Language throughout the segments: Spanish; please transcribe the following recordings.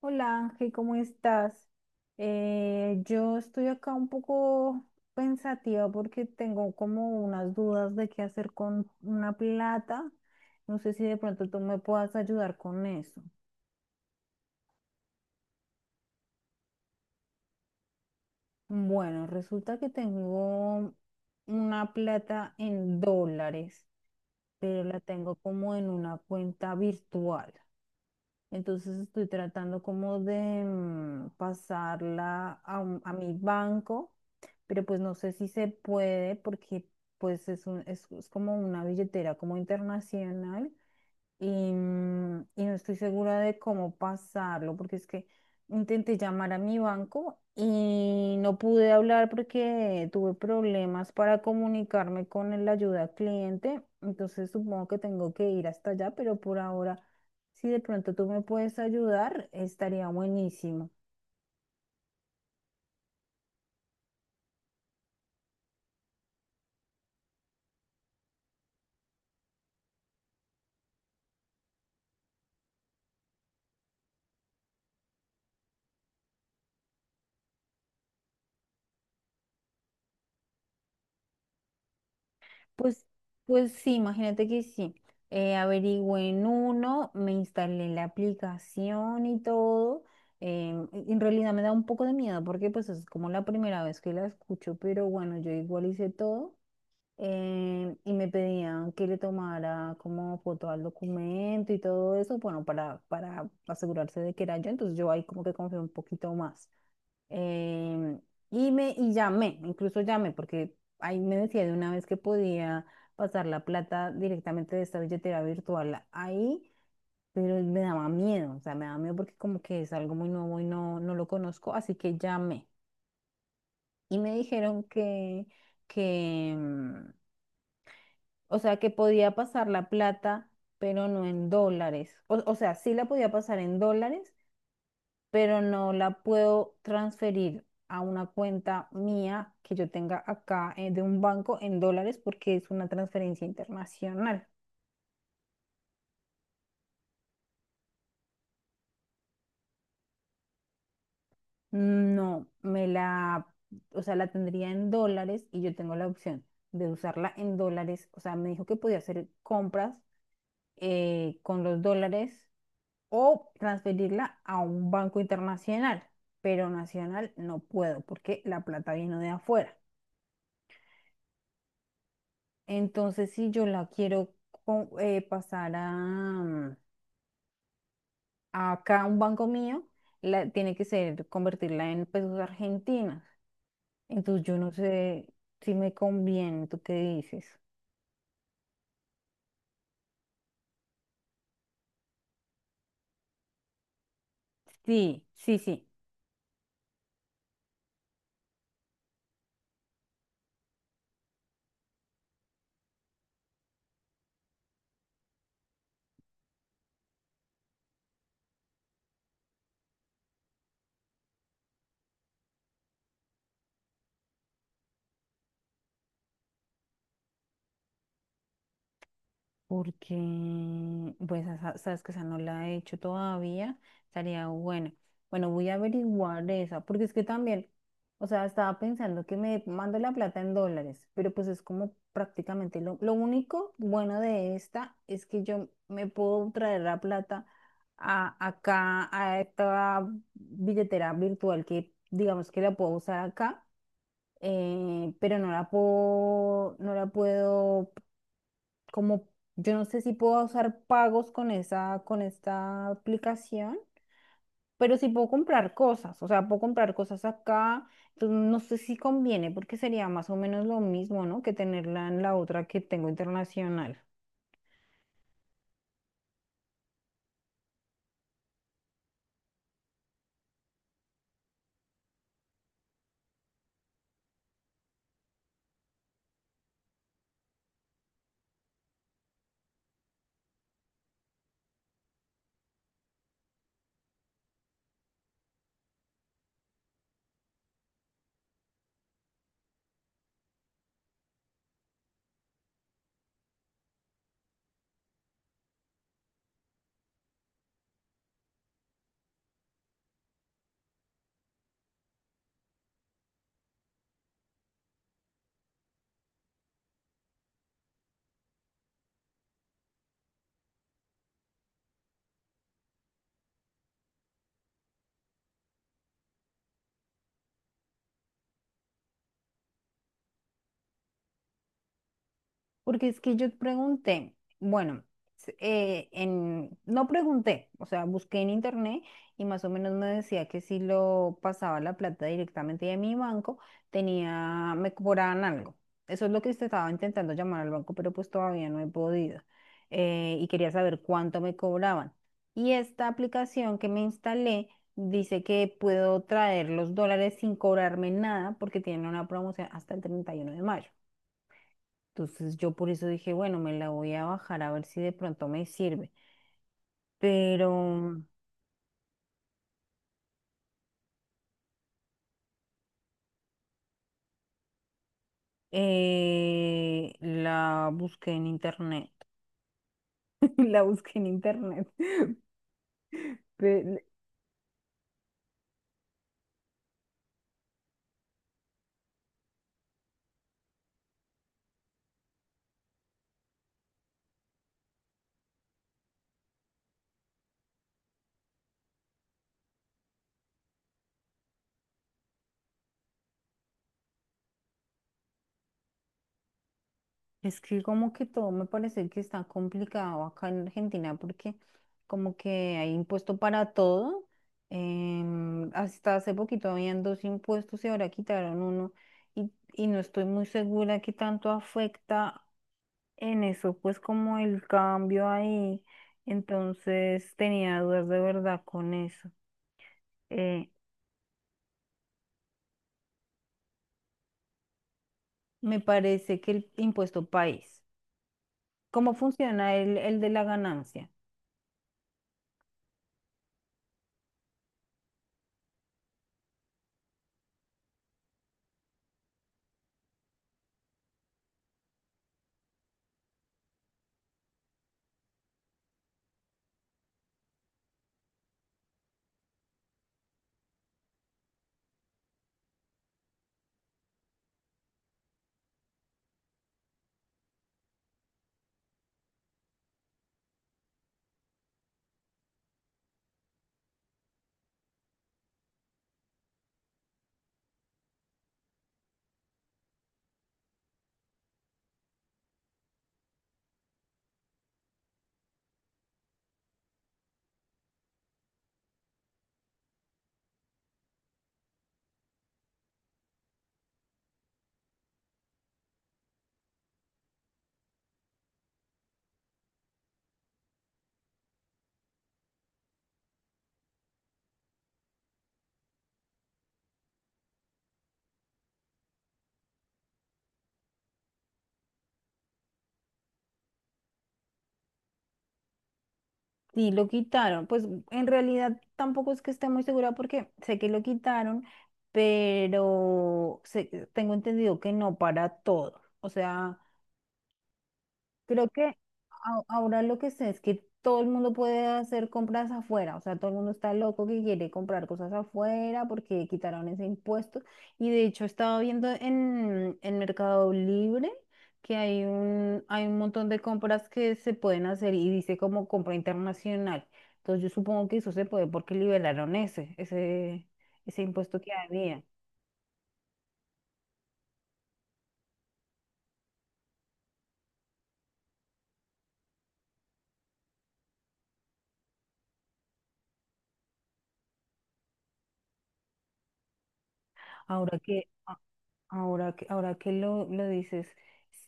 Hola Ángel, ¿cómo estás? Yo estoy acá un poco pensativa porque tengo como unas dudas de qué hacer con una plata. No sé si de pronto tú me puedas ayudar con eso. Bueno, resulta que tengo una plata en dólares, pero la tengo como en una cuenta virtual. Entonces estoy tratando como de pasarla a, a mi banco, pero pues no sé si se puede porque pues es, es como una billetera como internacional y, y no estoy segura de cómo pasarlo, porque es que intenté llamar a mi banco y no pude hablar porque tuve problemas para comunicarme con el ayuda al cliente, entonces supongo que tengo que ir hasta allá, pero por ahora, si de pronto tú me puedes ayudar, estaría buenísimo. Pues, pues sí, imagínate que sí. Averigüé en uno, me instalé la aplicación y todo. En realidad me da un poco de miedo porque pues es como la primera vez que la escucho, pero bueno, yo igual hice todo. Y me pedían que le tomara como foto al documento y todo eso, bueno, para asegurarse de que era yo. Entonces yo ahí como que confié un poquito más. Em, y me y llamé, incluso llamé, porque ahí me decía de una vez que podía pasar la plata directamente de esta billetera virtual ahí, pero me daba miedo, o sea, me daba miedo porque como que es algo muy nuevo y no, no lo conozco, así que llamé. Y me dijeron que, o sea, que podía pasar la plata, pero no en dólares. O sea, sí la podía pasar en dólares, pero no la puedo transferir a una cuenta mía que yo tenga acá de un banco en dólares porque es una transferencia internacional. No, me la, o sea, la tendría en dólares y yo tengo la opción de usarla en dólares. O sea, me dijo que podía hacer compras con los dólares o transferirla a un banco internacional, pero nacional no puedo porque la plata vino de afuera. Entonces, si yo la quiero pasar a acá, a un banco mío, la, tiene que ser convertirla en pesos argentinos. Entonces, yo no sé si me conviene, ¿tú qué dices? Sí, sí, sí. Porque, pues, sabes que esa no la he hecho todavía, estaría buena. Bueno, voy a averiguar esa, porque es que también, o sea, estaba pensando que me mando la plata en dólares, pero pues es como prácticamente lo único bueno de esta es que yo me puedo traer la plata a, acá, a esta billetera virtual que digamos que la puedo usar acá pero no la puedo, no la puedo, como, yo no sé si puedo usar pagos con esa, con esta aplicación. Pero sí puedo comprar cosas, o sea, puedo comprar cosas acá, entonces no sé si conviene porque sería más o menos lo mismo, ¿no? Que tenerla en la otra que tengo internacional. Porque es que yo pregunté, bueno, no pregunté, o sea, busqué en internet y más o menos me decía que si lo pasaba la plata directamente de mi banco, tenía, me cobraban algo. Eso es lo que usted estaba intentando llamar al banco, pero pues todavía no he podido. Y quería saber cuánto me cobraban. Y esta aplicación que me instalé dice que puedo traer los dólares sin cobrarme nada porque tienen una promoción hasta el 31 de mayo. Entonces yo por eso dije, bueno, me la voy a bajar a ver si de pronto me sirve. Pero la busqué en internet. La busqué en internet. Pe- Es que como que todo me parece que está complicado acá en Argentina porque como que hay impuesto para todo. Hasta hace poquito habían dos impuestos y ahora quitaron uno y no estoy muy segura qué tanto afecta en eso, pues como el cambio ahí, entonces tenía dudas de verdad con eso. Eh, Me parece que el impuesto país, ¿cómo funciona el de la ganancia? Sí, lo quitaron, pues en realidad tampoco es que esté muy segura porque sé que lo quitaron, pero tengo entendido que no para todo. O sea, creo que ahora lo que sé es que todo el mundo puede hacer compras afuera, o sea, todo el mundo está loco que quiere comprar cosas afuera porque quitaron ese impuesto. Y de hecho estaba viendo en Mercado Libre que hay un montón de compras que se pueden hacer y dice como compra internacional. Entonces yo supongo que eso se puede porque liberaron ese, ese, ese impuesto que había. Ahora que, ahora que lo dices,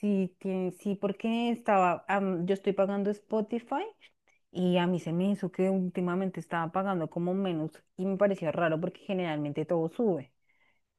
sí, tiene sí, porque estaba, yo estoy pagando Spotify y a mí se me hizo que últimamente estaba pagando como menos y me pareció raro porque generalmente todo sube.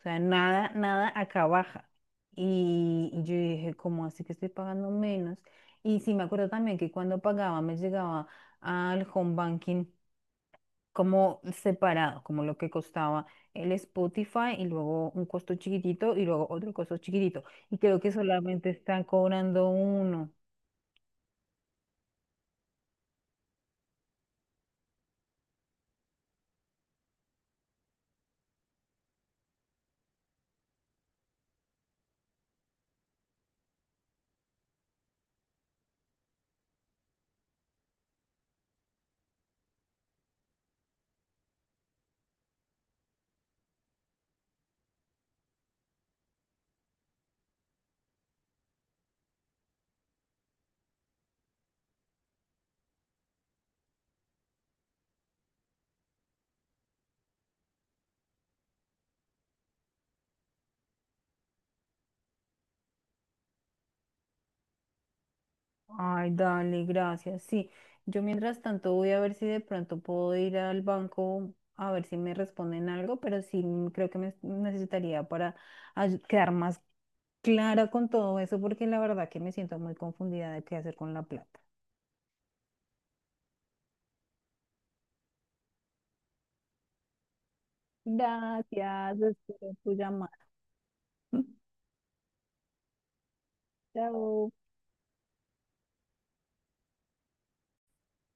O sea, nada, nada acá baja. Y yo dije, ¿cómo así que estoy pagando menos? Y sí me acuerdo también que cuando pagaba me llegaba al home banking como separado, como lo que costaba el Spotify y luego un costo chiquitito y luego otro costo chiquitito. Y creo que solamente están cobrando uno. Ay, dale, gracias. Sí, yo mientras tanto voy a ver si de pronto puedo ir al banco a ver si me responden algo, pero sí creo que me necesitaría para quedar más clara con todo eso, porque la verdad que me siento muy confundida de qué hacer con la plata. Gracias, espero tu llamada. Mm. Chao.